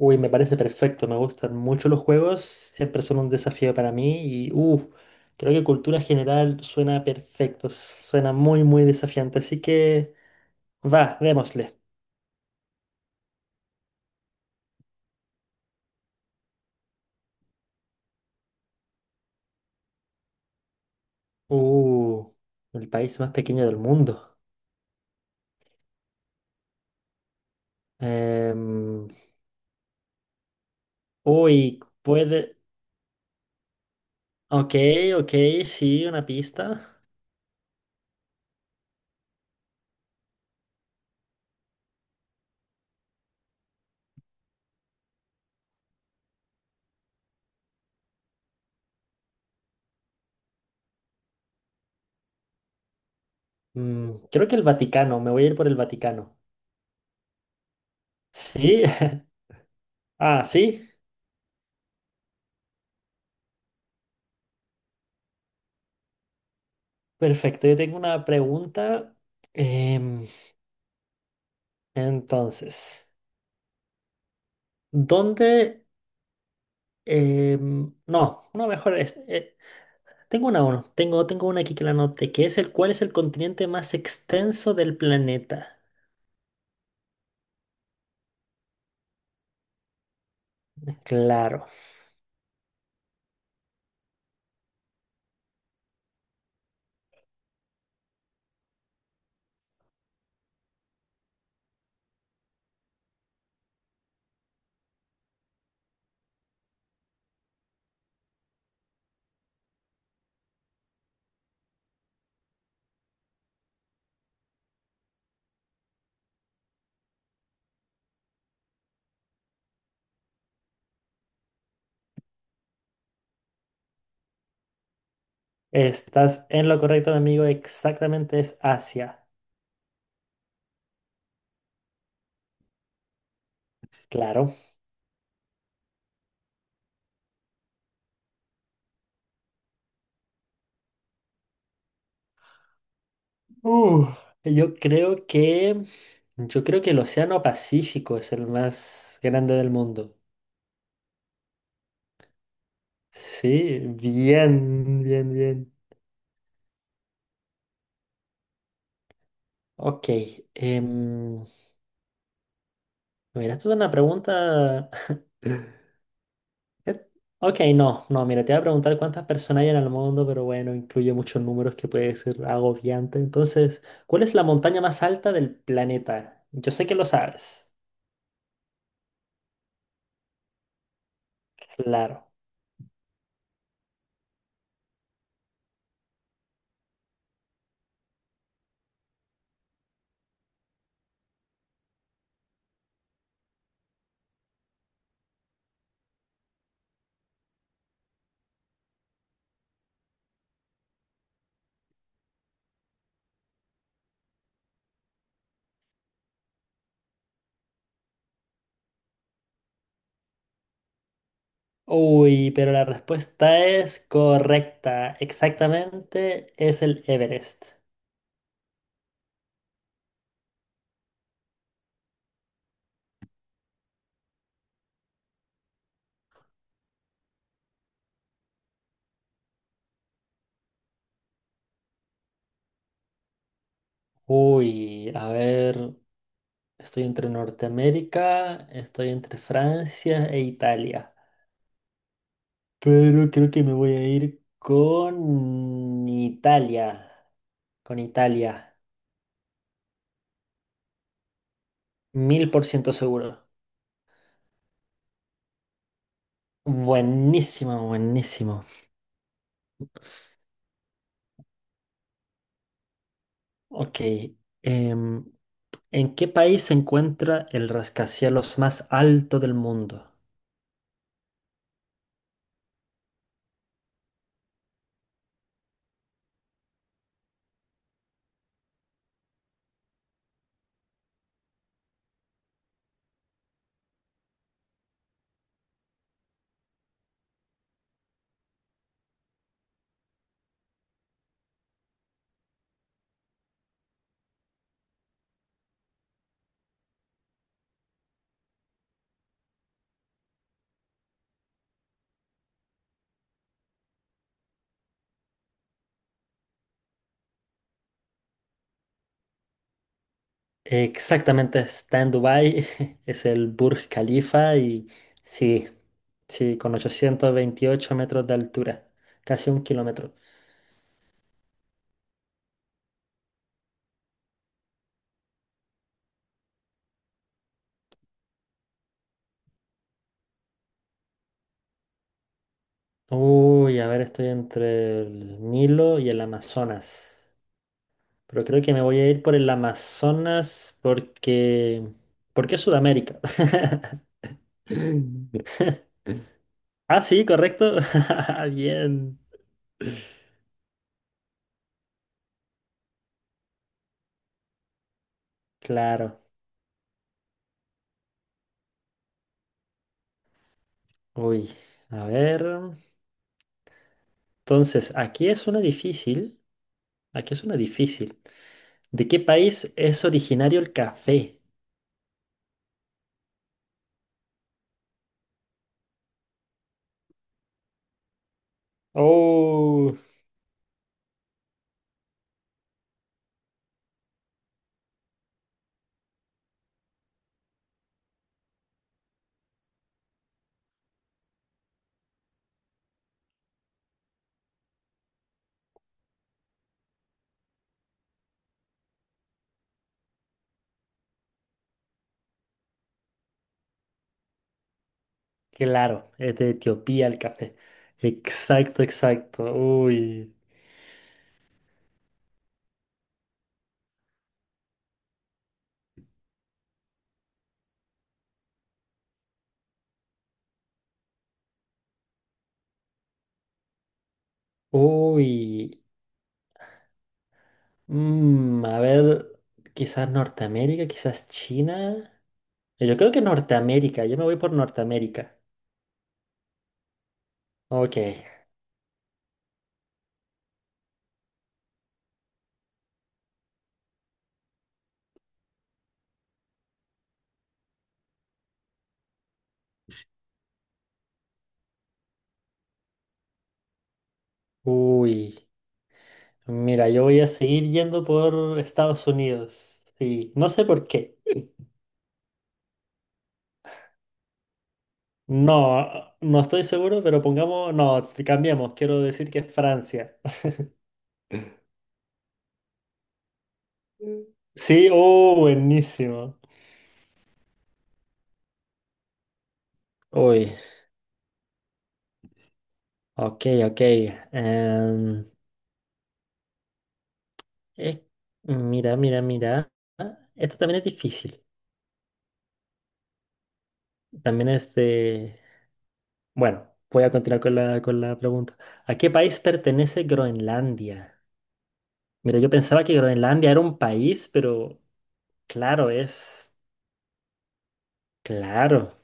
Uy, me parece perfecto, me gustan mucho los juegos, siempre son un desafío para mí y creo que cultura general suena perfecto, suena muy muy desafiante, así que va, démosle. Uh, el país más pequeño del mundo. Em, Uy, puede... Ok, ok, sí, una pista. Mm, creo que el Vaticano, me voy a ir por el Vaticano. Sí, ah, sí, perfecto, yo tengo una pregunta. Em, entonces... ¿Dónde? No, no, mejor tengo una uno. Tengo una aquí que la anoté, que es el cuál es el continente más extenso del planeta. Claro. Estás en lo correcto, mi amigo. Exactamente es Asia. Claro. Uh, yo creo que. Yo creo que el Océano Pacífico es el más grande del mundo. Sí, bien, bien, bien. Ok. em, Mira, esto es una pregunta. Eh, Ok, no, no, mira, te voy a preguntar cuántas personas hay en el mundo, pero bueno, incluye muchos números que puede ser agobiante. Entonces, ¿cuál es la montaña más alta del planeta? Yo sé que lo sabes, claro. Uy, pero la respuesta es correcta. Exactamente, es el Everest. Uy, a ver, estoy entre Norteamérica, estoy entre Francia e Italia. Pero creo que me voy a ir con Italia. Con Italia. 1000% seguro. Buenísimo, buenísimo. Ok. em, ¿En qué país se encuentra el rascacielos más alto del mundo? Exactamente, está en Dubái, es el Burj Khalifa y sí, sí, con 828 metros de altura, casi un kilómetro. Uy, a ver, estoy entre el Nilo y el Amazonas, pero creo que me voy a ir por el Amazonas porque... porque es Sudamérica. Ah, sí, correcto. Bien, claro. Uy, a ver. Entonces, aquí es una difícil. Aquí es una difícil. ¿De qué país es originario el café? Oh, claro, es de Etiopía el café. Exacto, exacto. Uy, uy. Mm, a ver, quizás Norteamérica, quizás China. Yo creo que Norteamérica. Yo me voy por Norteamérica. Ok. Uy. Mira, yo voy a seguir yendo por Estados Unidos. Sí, no sé por qué. No, no estoy seguro, pero pongamos, no, cambiamos. Quiero decir que es Francia. Mm. Sí, oh, buenísimo. Uy, ok, ok. em, eh, Mira, mira, mira. Esto también es difícil. También es de... Bueno, voy a continuar con con la pregunta. ¿A qué país pertenece Groenlandia? Mira, yo pensaba que Groenlandia era un país, pero... Claro, es. Claro,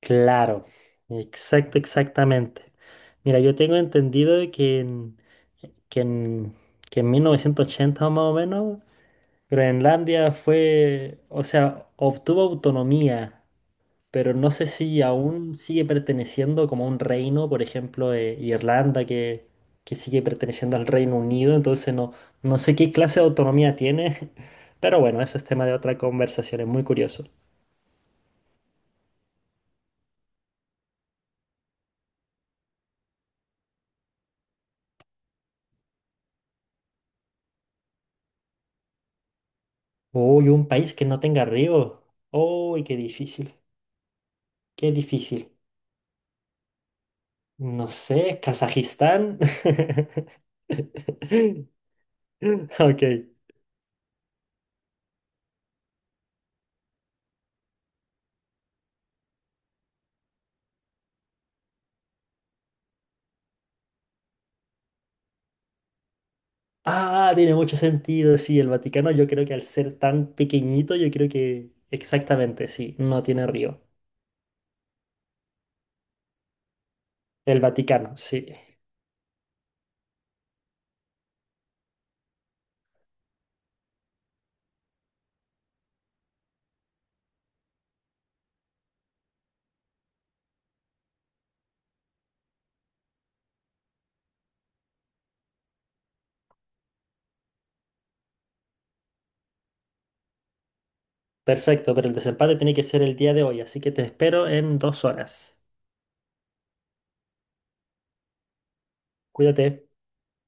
claro. Exacto, exactamente. Mira, yo tengo entendido de que en, que en 1980 más o menos, Groenlandia fue, o sea, obtuvo autonomía, pero no sé si aún sigue perteneciendo como a un reino, por ejemplo, Irlanda, que sigue perteneciendo al Reino Unido, entonces no, no sé qué clase de autonomía tiene, pero bueno, eso es tema de otra conversación, es muy curioso. Uy, un país que no tenga río. Uy, qué difícil, qué difícil. No sé, Kazajistán. Ok. Ah, tiene mucho sentido, sí, el Vaticano yo creo que al ser tan pequeñito, yo creo que exactamente, sí, no tiene río. El Vaticano, sí. Perfecto, pero el desempate tiene que ser el día de hoy, así que te espero en 2 horas. Cuídate.